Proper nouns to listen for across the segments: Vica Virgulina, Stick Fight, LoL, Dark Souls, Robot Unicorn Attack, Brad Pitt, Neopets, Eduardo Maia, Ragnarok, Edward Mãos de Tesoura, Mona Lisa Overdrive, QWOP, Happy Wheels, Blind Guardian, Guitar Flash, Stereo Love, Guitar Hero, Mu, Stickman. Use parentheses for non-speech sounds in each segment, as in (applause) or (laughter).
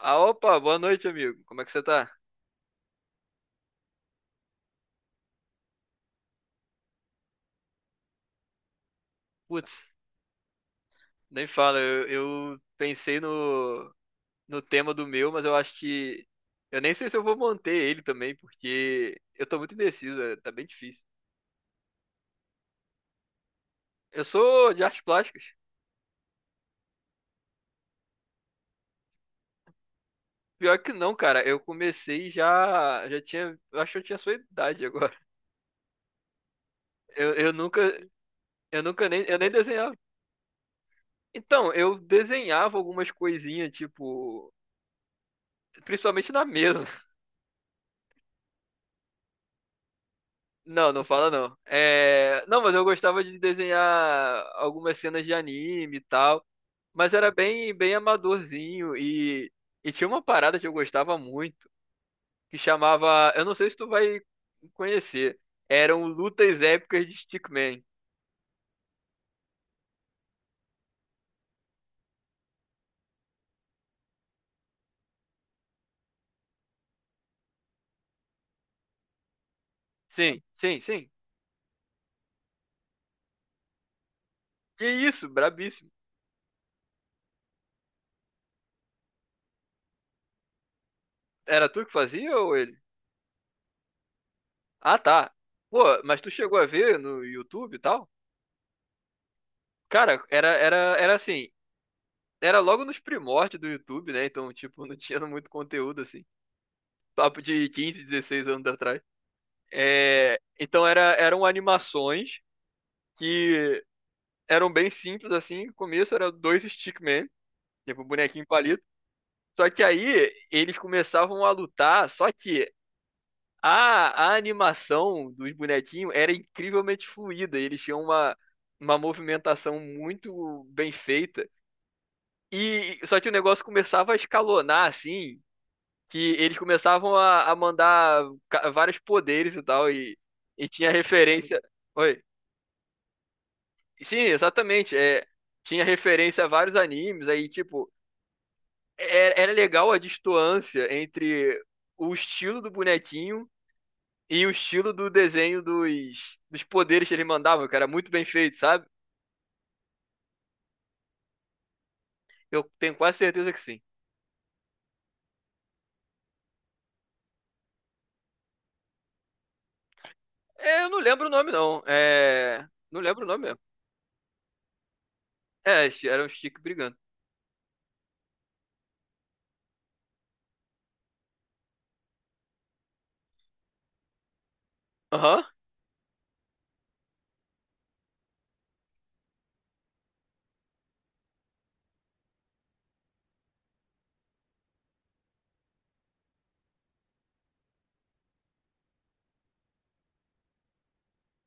Ah, opa, boa noite, amigo. Como é que você tá? Putz, nem fala. Eu pensei no tema do meu, mas eu acho que. Eu nem sei se eu vou manter ele também, porque eu tô muito indeciso, é, tá bem difícil. Eu sou de artes plásticas. Pior que não, cara. Eu comecei já. Já tinha. Eu acho que eu tinha a sua idade agora. Eu nunca. Eu nunca nem. Eu nem desenhava. Então, eu desenhava algumas coisinhas, tipo. Principalmente na mesa. Não, não fala não. É... Não, mas eu gostava de desenhar algumas cenas de anime e tal. Mas era bem, bem amadorzinho. E tinha uma parada que eu gostava muito, que chamava. Eu não sei se tu vai conhecer. Eram lutas épicas de Stickman. Sim, sim, sim. Que isso, brabíssimo. Era tu que fazia ou ele? Ah, tá. Pô, mas tu chegou a ver no YouTube e tal? Cara, era assim. Era logo nos primórdios do YouTube, né? Então, tipo, não tinha (laughs) muito conteúdo assim. Papo de 15, 16 anos atrás. É, então era, eram animações que eram bem simples assim. No começo era dois stickman, tipo bonequinho palito. Só que aí eles começavam a lutar, só que a animação dos bonequinhos era incrivelmente fluida. Eles tinham uma movimentação muito bem feita. E só que o negócio começava a escalonar assim, que eles começavam a mandar vários poderes e tal, e tinha referência. Oi. Sim, exatamente. É, tinha referência a vários animes, aí, tipo, era legal a distância entre o estilo do bonequinho e o estilo do desenho dos poderes que eles mandavam, que era muito bem feito, sabe? Eu tenho quase certeza que sim. É, eu não lembro o nome, não. É. Não lembro o nome mesmo. É, era um Chico brigando. Aham,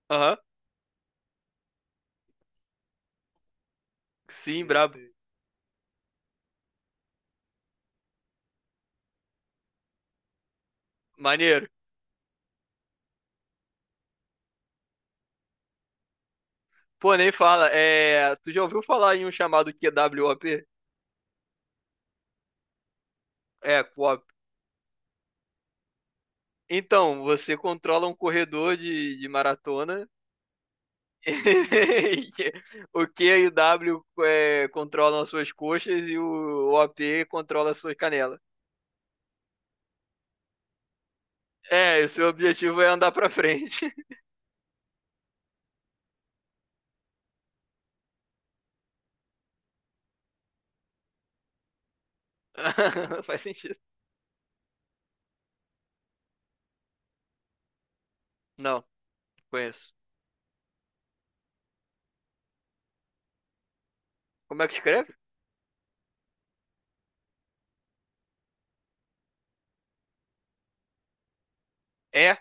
aham. Sim, brabo. Maneiro. Pô, nem fala. É, tu já ouviu falar em um chamado QWOP? É, QOP. Então, você controla um corredor de maratona. (laughs) O Q e o W controlam as suas coxas e o OP controla as suas canelas. É, e o seu objetivo é andar pra frente. (laughs) Faz sentido. Não, conheço. Como é que escreve? É,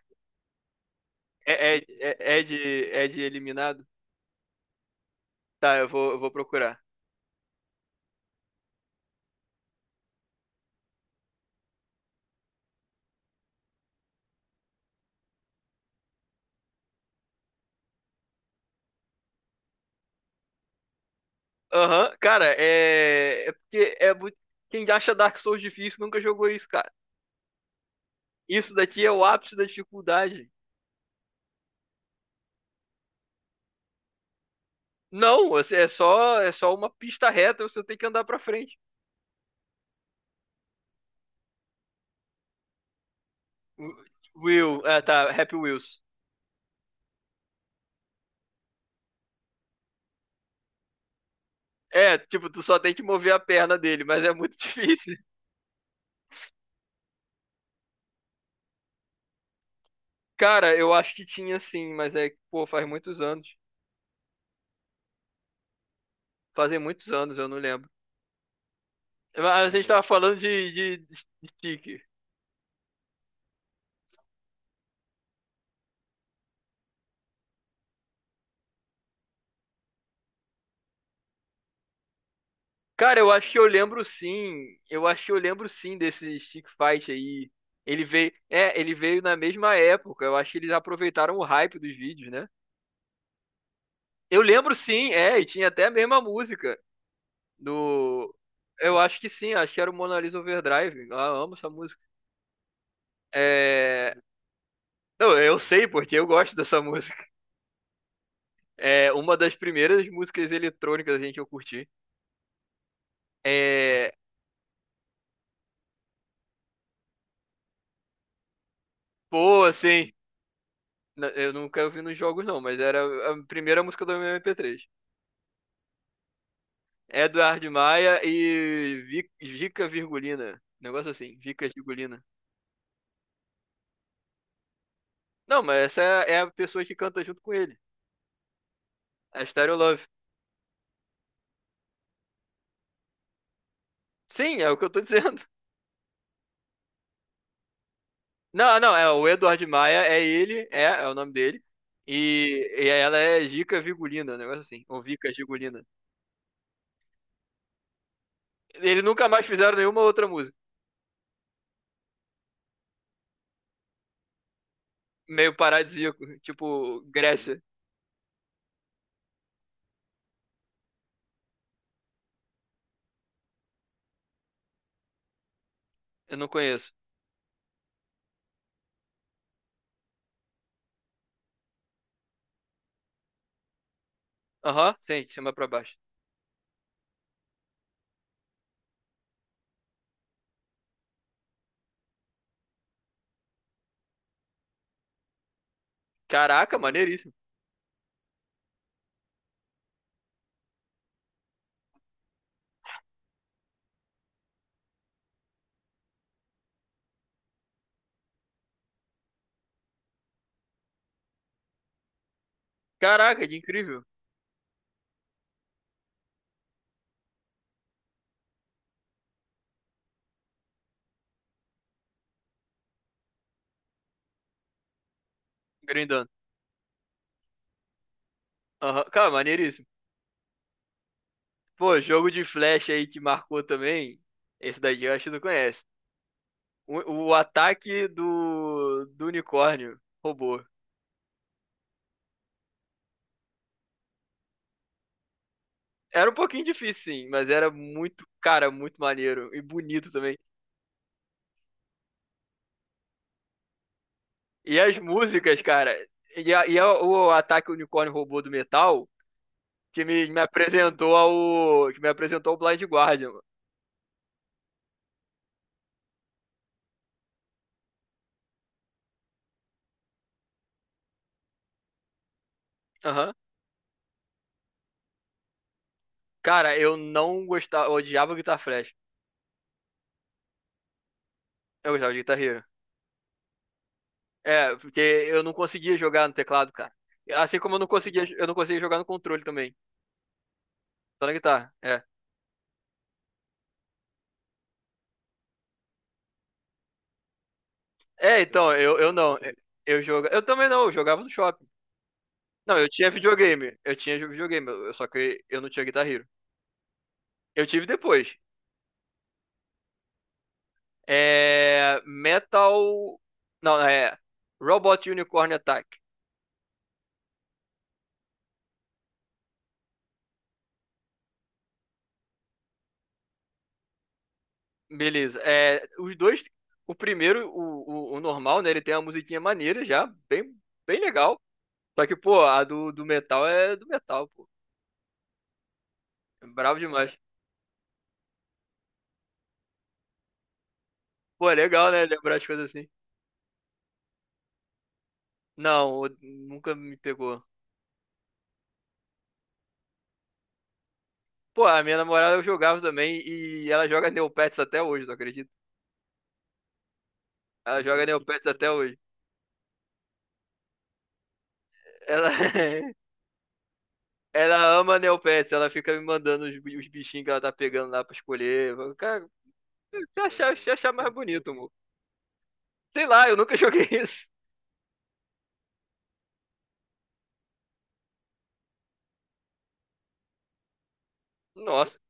é, é, é, é de, é de eliminado? Tá, eu vou procurar. Aham, cara, é. É porque é muito. Quem acha Dark Souls difícil nunca jogou isso, cara. Isso daqui é o ápice da dificuldade. Não, é só uma pista reta, você tem que andar pra frente. Will, é, tá, Happy Wheels. É, tipo, tu só tem que mover a perna dele, mas é muito (laughs) difícil. Cara, eu acho que tinha sim, mas é, pô, faz muitos anos. Fazem muitos anos, eu não lembro. Mas a gente tava falando de stick. Cara, eu acho que eu lembro sim. Eu acho que eu lembro sim desse Stick Fight aí. Ele veio, é, ele veio na mesma época. Eu acho que eles aproveitaram o hype dos vídeos, né? Eu lembro sim, é, e tinha até a mesma música do. Eu acho que sim, acho que era o Mona Lisa Overdrive. Ah, eu amo essa música. É, não, eu sei porque eu gosto dessa (laughs) música. É uma das primeiras músicas eletrônicas gente que eu curti. É, pô, assim, eu nunca ouvi nos jogos não, mas era a primeira música do meu MP3. Eduardo Maia e Vica Virgulina. Um negócio assim, Vica Virgulina. Não, mas essa é a pessoa que canta junto com ele. A Stereo Love. Sim, é o que eu tô dizendo. (laughs) Não, não, é o Eduardo Maia, é ele, é o nome dele. E ela é Gica Virgulina, um negócio assim, ou Vica Virgulina. Eles nunca mais fizeram nenhuma outra música. Meio paradisíaco, tipo Grécia, eu não conheço. Aham, sim, de cima pra baixo. Caraca, maneiríssimo. Caraca, que incrível. Grindando. Aham, cara, maneiríssimo. Pô, jogo de flash aí que marcou também. Esse daí eu acho que tu conhece. O ataque do unicórnio robô. Era um pouquinho difícil, sim, mas era muito, cara, muito maneiro e bonito também. E as músicas, cara. O ataque unicórnio robô do metal que me apresentou ao. Que me apresentou ao Blind Guardian, mano. Aham. Cara, eu não gostava. Eu odiava Guitar Flash. Eu gostava de Guitar Hero. É, porque eu não conseguia jogar no teclado, cara. Assim como eu não conseguia jogar no controle também. Só na guitarra. É. É, então, eu não. Eu também não, eu jogava no shopping. Não, eu tinha videogame. Eu tinha videogame, só que eu não tinha Guitar Hero. Eu tive depois. É. Metal. Não, é. Robot Unicorn Attack. Beleza. É, os dois. O primeiro, o normal, né? Ele tem uma musiquinha maneira já, bem, bem legal. Só que, pô, a do metal é do metal, pô. Bravo demais. Pô, é legal, né? Lembrar as coisas assim. Não, nunca me pegou. Pô, a minha namorada eu jogava também e ela joga Neopets até hoje, tu acredita? Ela joga Neopets até hoje. Ela, (laughs) ela ama Neopets, ela fica me mandando os, os bichinhos que ela tá pegando lá pra escolher. Eu falo, cara, se achar, você achar mais bonito, amor. Sei lá, eu nunca (laughs) joguei isso. Nossa,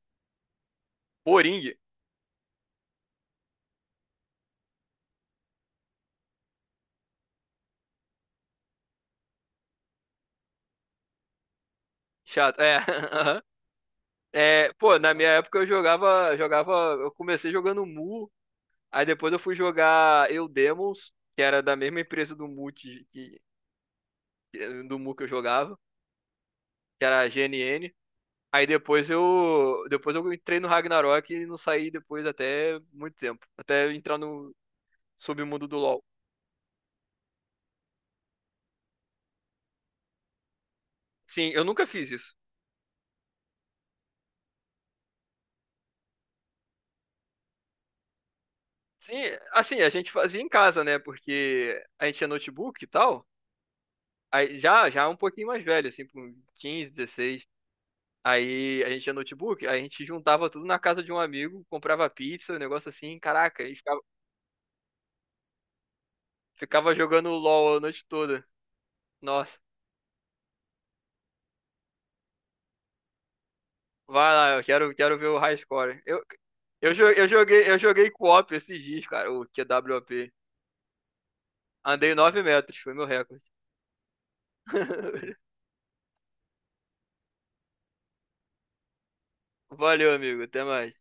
Poring. Chato. É, (laughs) aham. É, pô, na minha época eu jogava, eu comecei jogando Mu. Aí depois eu fui jogar Eu Demons, que era da mesma empresa do Multi do Mu que eu jogava, que era a GNN. Aí depois eu entrei no Ragnarok e não saí depois até muito tempo, até entrar no submundo do LoL. Sim, eu nunca fiz isso. Sim, assim, a gente fazia em casa, né? Porque a gente tinha notebook e tal. Aí já já um pouquinho mais velho, assim, com 15, 16. Aí a gente tinha notebook, aí a gente juntava tudo na casa de um amigo, comprava pizza, um negócio assim, caraca, e ficava jogando LOL a noite toda. Nossa, vai lá, eu quero ver o high score. Eu joguei co-op esses dias, cara, o QWOP. Andei 9 metros, foi meu recorde. (laughs) Valeu, amigo, até mais.